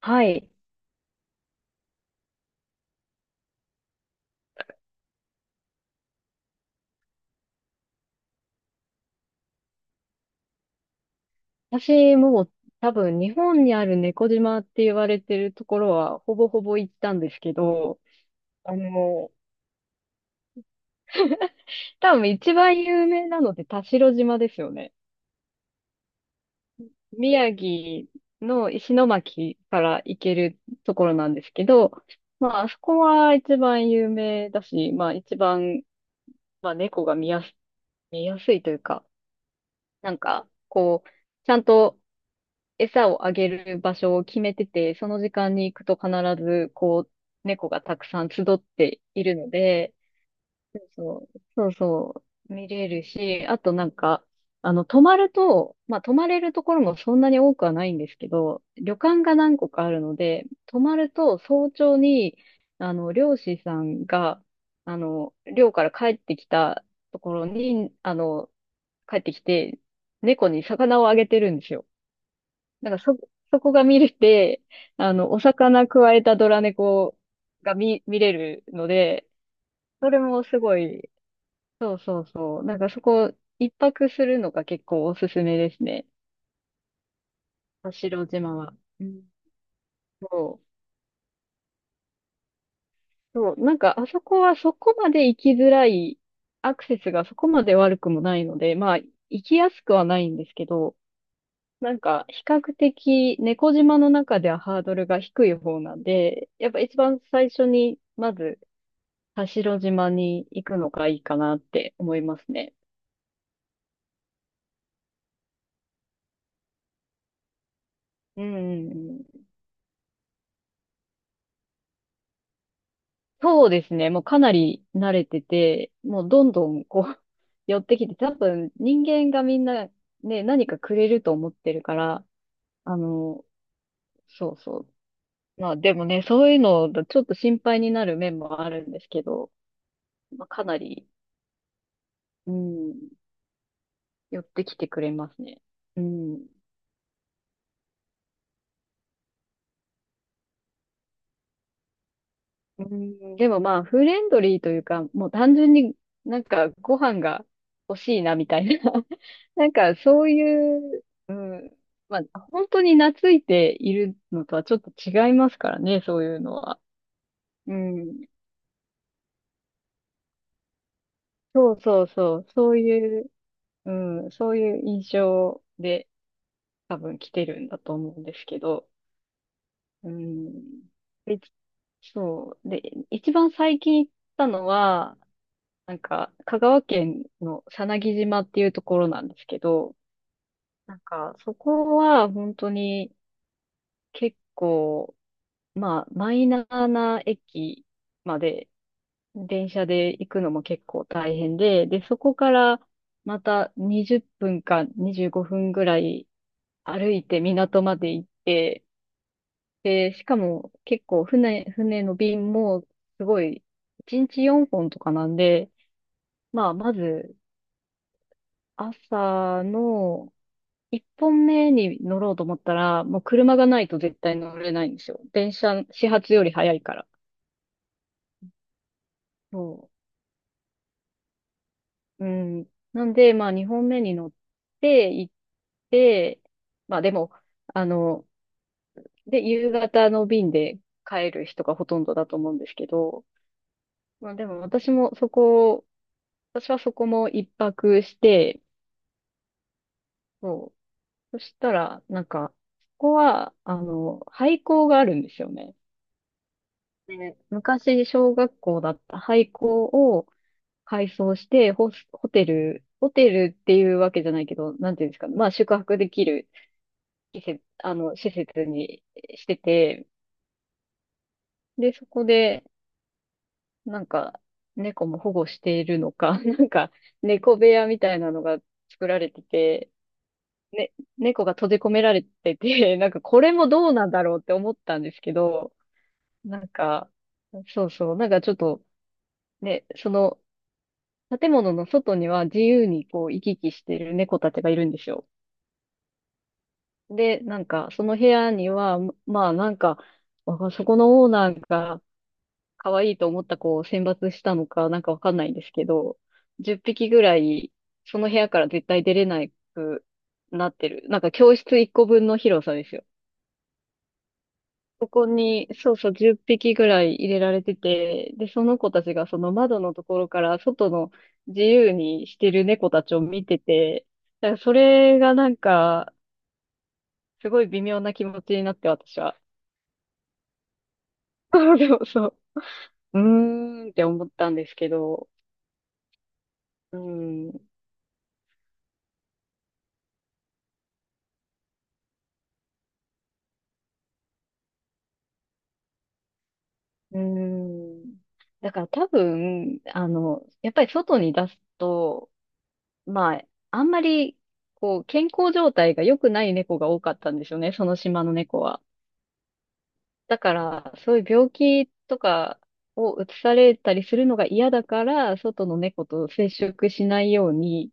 はい。私も多分日本にある猫島って言われてるところはほぼほぼ行ったんですけど、あの、多分一番有名なのって田代島ですよね。宮城の石巻から行けるところなんですけど、まああそこは一番有名だし、まあ一番、まあ猫が見やすいというか、なんかこう、ちゃんと餌をあげる場所を決めてて、その時間に行くと必ず、こう、猫がたくさん集っているので、そう、そうそう、見れるし、あとなんか、泊まると、まあ、泊まれるところもそんなに多くはないんですけど、旅館が何個かあるので、泊まると早朝に、漁師さんが、漁から帰ってきたところに、帰ってきて、猫に魚をあげてるんですよ。なんかそ、そこが見れて、お魚くわえたドラ猫が見れるので、それもすごい、そうそうそう。なんかそこ、一泊するのが結構おすすめですね。田代島は。うん。そう。そう。なんかあそこはそこまで行きづらい、アクセスがそこまで悪くもないので、まあ、行きやすくはないんですけど、なんか、比較的、猫島の中ではハードルが低い方なんで、やっぱ一番最初に、まず、田代島に行くのがいいかなって思いますね。うんうんうん。そうですね。もうかなり慣れてて、もうどんどんこう 寄ってきて、多分人間がみんなね、何かくれると思ってるから、あの、そうそう。まあでもね、そういうのだとちょっと心配になる面もあるんですけど、まあ、かなり、うん、寄ってきてくれますね。うん。うん、でもまあ、フレンドリーというか、もう単純になんかご飯が欲しいなみたいな。なんかそういう、うん、まあ、本当に懐いているのとはちょっと違いますからね、そういうのは。うん。そうそうそう、そういう、うん、そういう印象で多分来てるんだと思うんですけど。うん。でそう。で、一番最近行ったのは、なんか、香川県のさなぎ島っていうところなんですけど、なんか、そこは本当に結構、まあ、マイナーな駅まで、電車で行くのも結構大変で、そこからまた20分か25分ぐらい歩いて港まで行って、で、しかも結構船の便もすごい、1日4本とかなんで、まあ、まず朝の、一本目に乗ろうと思ったら、もう車がないと絶対乗れないんですよ。電車、始発より早いから。そう。うん。なんで、まあ二本目に乗って行って、まあでも、あの、で、夕方の便で帰る人がほとんどだと思うんですけど、まあでも私はそこも一泊して、そう。そしたら、なんか、ここは、廃校があるんですよね。ね、昔、小学校だった廃校を改装して、ホテルっていうわけじゃないけど、なんていうんですかね。まあ、宿泊できる施設にしてて、で、そこで、なんか、猫も保護しているのか、なんか、猫部屋みたいなのが作られてて、ね、猫が閉じ込められてて、なんか、これもどうなんだろうって思ったんですけど、なんか、そうそう、なんかちょっと、ね、その、建物の外には自由にこう行き来してる猫たちがいるんですよ。で、なんかその部屋には、まあなんか、そこのオーナーが可愛いと思った子を選抜したのかなんかわかんないんですけど、10匹ぐらいその部屋から絶対出れなくなってる。なんか教室1個分の広さですよ。そこに、そうそう、10匹ぐらい入れられてて、で、その子たちがその窓のところから外の自由にしてる猫たちを見てて、だからそれがなんか、すごい微妙な気持ちになって私は。そうそうそう。うーんって思ったんですけど、うん、うーん。だから多分、やっぱり外に出すと、まあ、あんまり、こう、健康状態が良くない猫が多かったんですよね、その島の猫は。だから、そういう病気とかをうつされたりするのが嫌だから、外の猫と接触しないように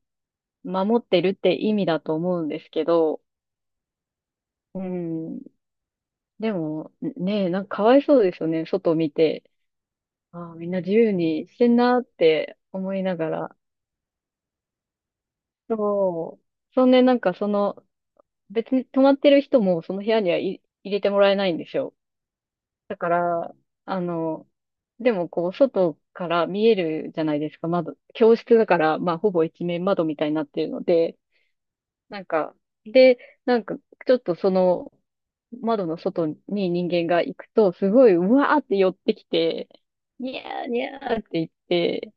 守ってるって意味だと思うんですけど、うん。でも、ねえ、なんかかわいそうですよね。外を見て。ああ、みんな自由にしてんなって思いながら。そう。そんで、なんかその、別に泊まってる人もその部屋にはい入れてもらえないんですよ。だから、あの、でもこう、外から見えるじゃないですか、窓。教室だから、まあ、ほぼ一面窓みたいになってるので、なんか、で、なんか、ちょっとその、窓の外に人間が行くと、すごい、うわーって寄ってきて、にゃーにゃーって言って、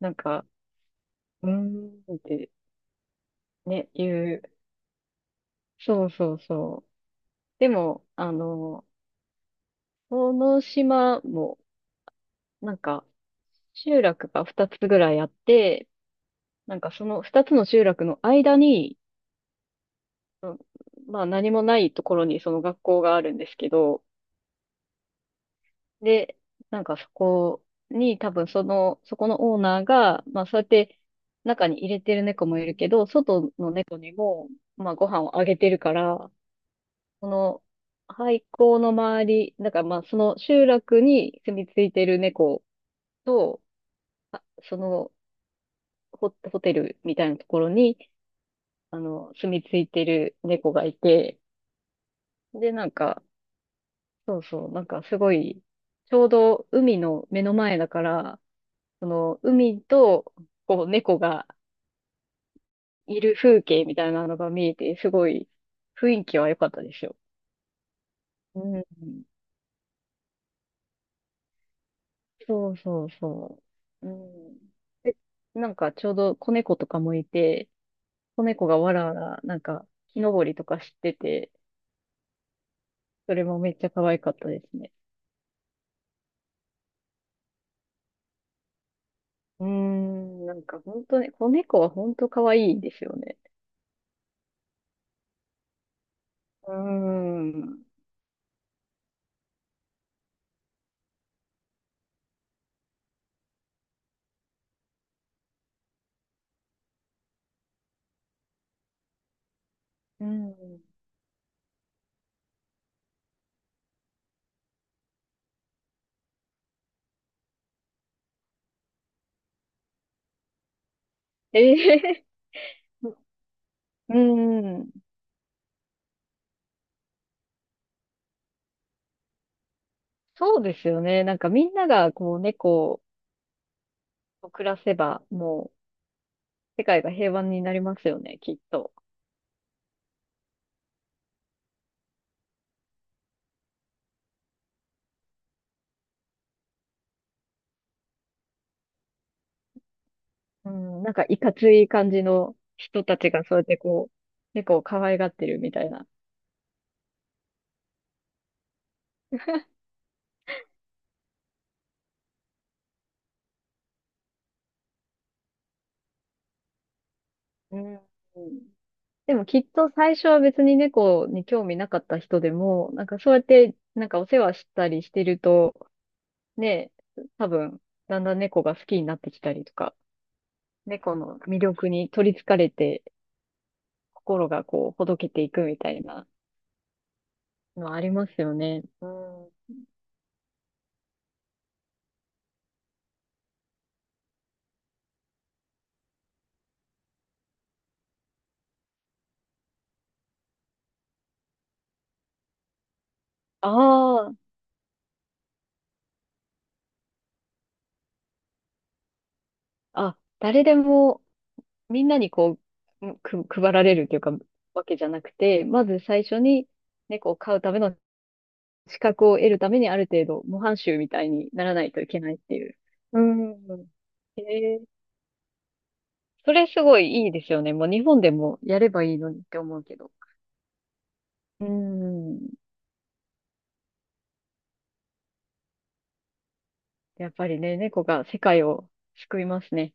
なんか、うーんってね、言う。そうそうそう。でも、この島も、なんか、集落が2つぐらいあって、なんかその二つの集落の間に、うんまあ何もないところにその学校があるんですけど、で、なんかそこに多分その、そこのオーナーが、まあそうやって中に入れてる猫もいるけど、外の猫にも、まあご飯をあげてるから、その廃校の周り、だからまあその集落に住み着いてる猫と、あその、ホテルみたいなところに、住み着いてる猫がいて、で、なんか、そうそう、なんかすごい、ちょうど海の目の前だから、その海と、こう、猫がいる風景みたいなのが見えて、すごい雰囲気は良かったですよ。うん。そうそうそう。うん。で、なんかちょうど子猫とかもいて、子猫がわらわら、なんか木登りとかしてて、それもめっちゃ可愛かったですね。うーん、なんか本当ね、子猫は本当可愛いですよね。うーん。うん。ええうん。うんそうですよね。なんかみんながこう猫を暮らせば、もう世界が平和になりますよね、きっと。うん。なんかいかつい感じの人たちがそうやってこう、猫を可愛がってるみたいな。うん。でもきっと最初は別に猫に興味なかった人でも、なんかそうやってなんかお世話したりしてると、ね、多分だんだん猫が好きになってきたりとか猫の魅力に取りつかれて、心がこう、ほどけていくみたいなのありますよね。うん。ああ、あ、誰でも、みんなにこう、配られるというか、わけじゃなくて、まず最初に猫を飼うための資格を得るために、ある程度、模範囚みたいにならないといけないっていう。うん。ええそれすごいいいですよね。もう日本でもやればいいのにって思うけど。うん。やっぱりね、猫が世界を救いますね。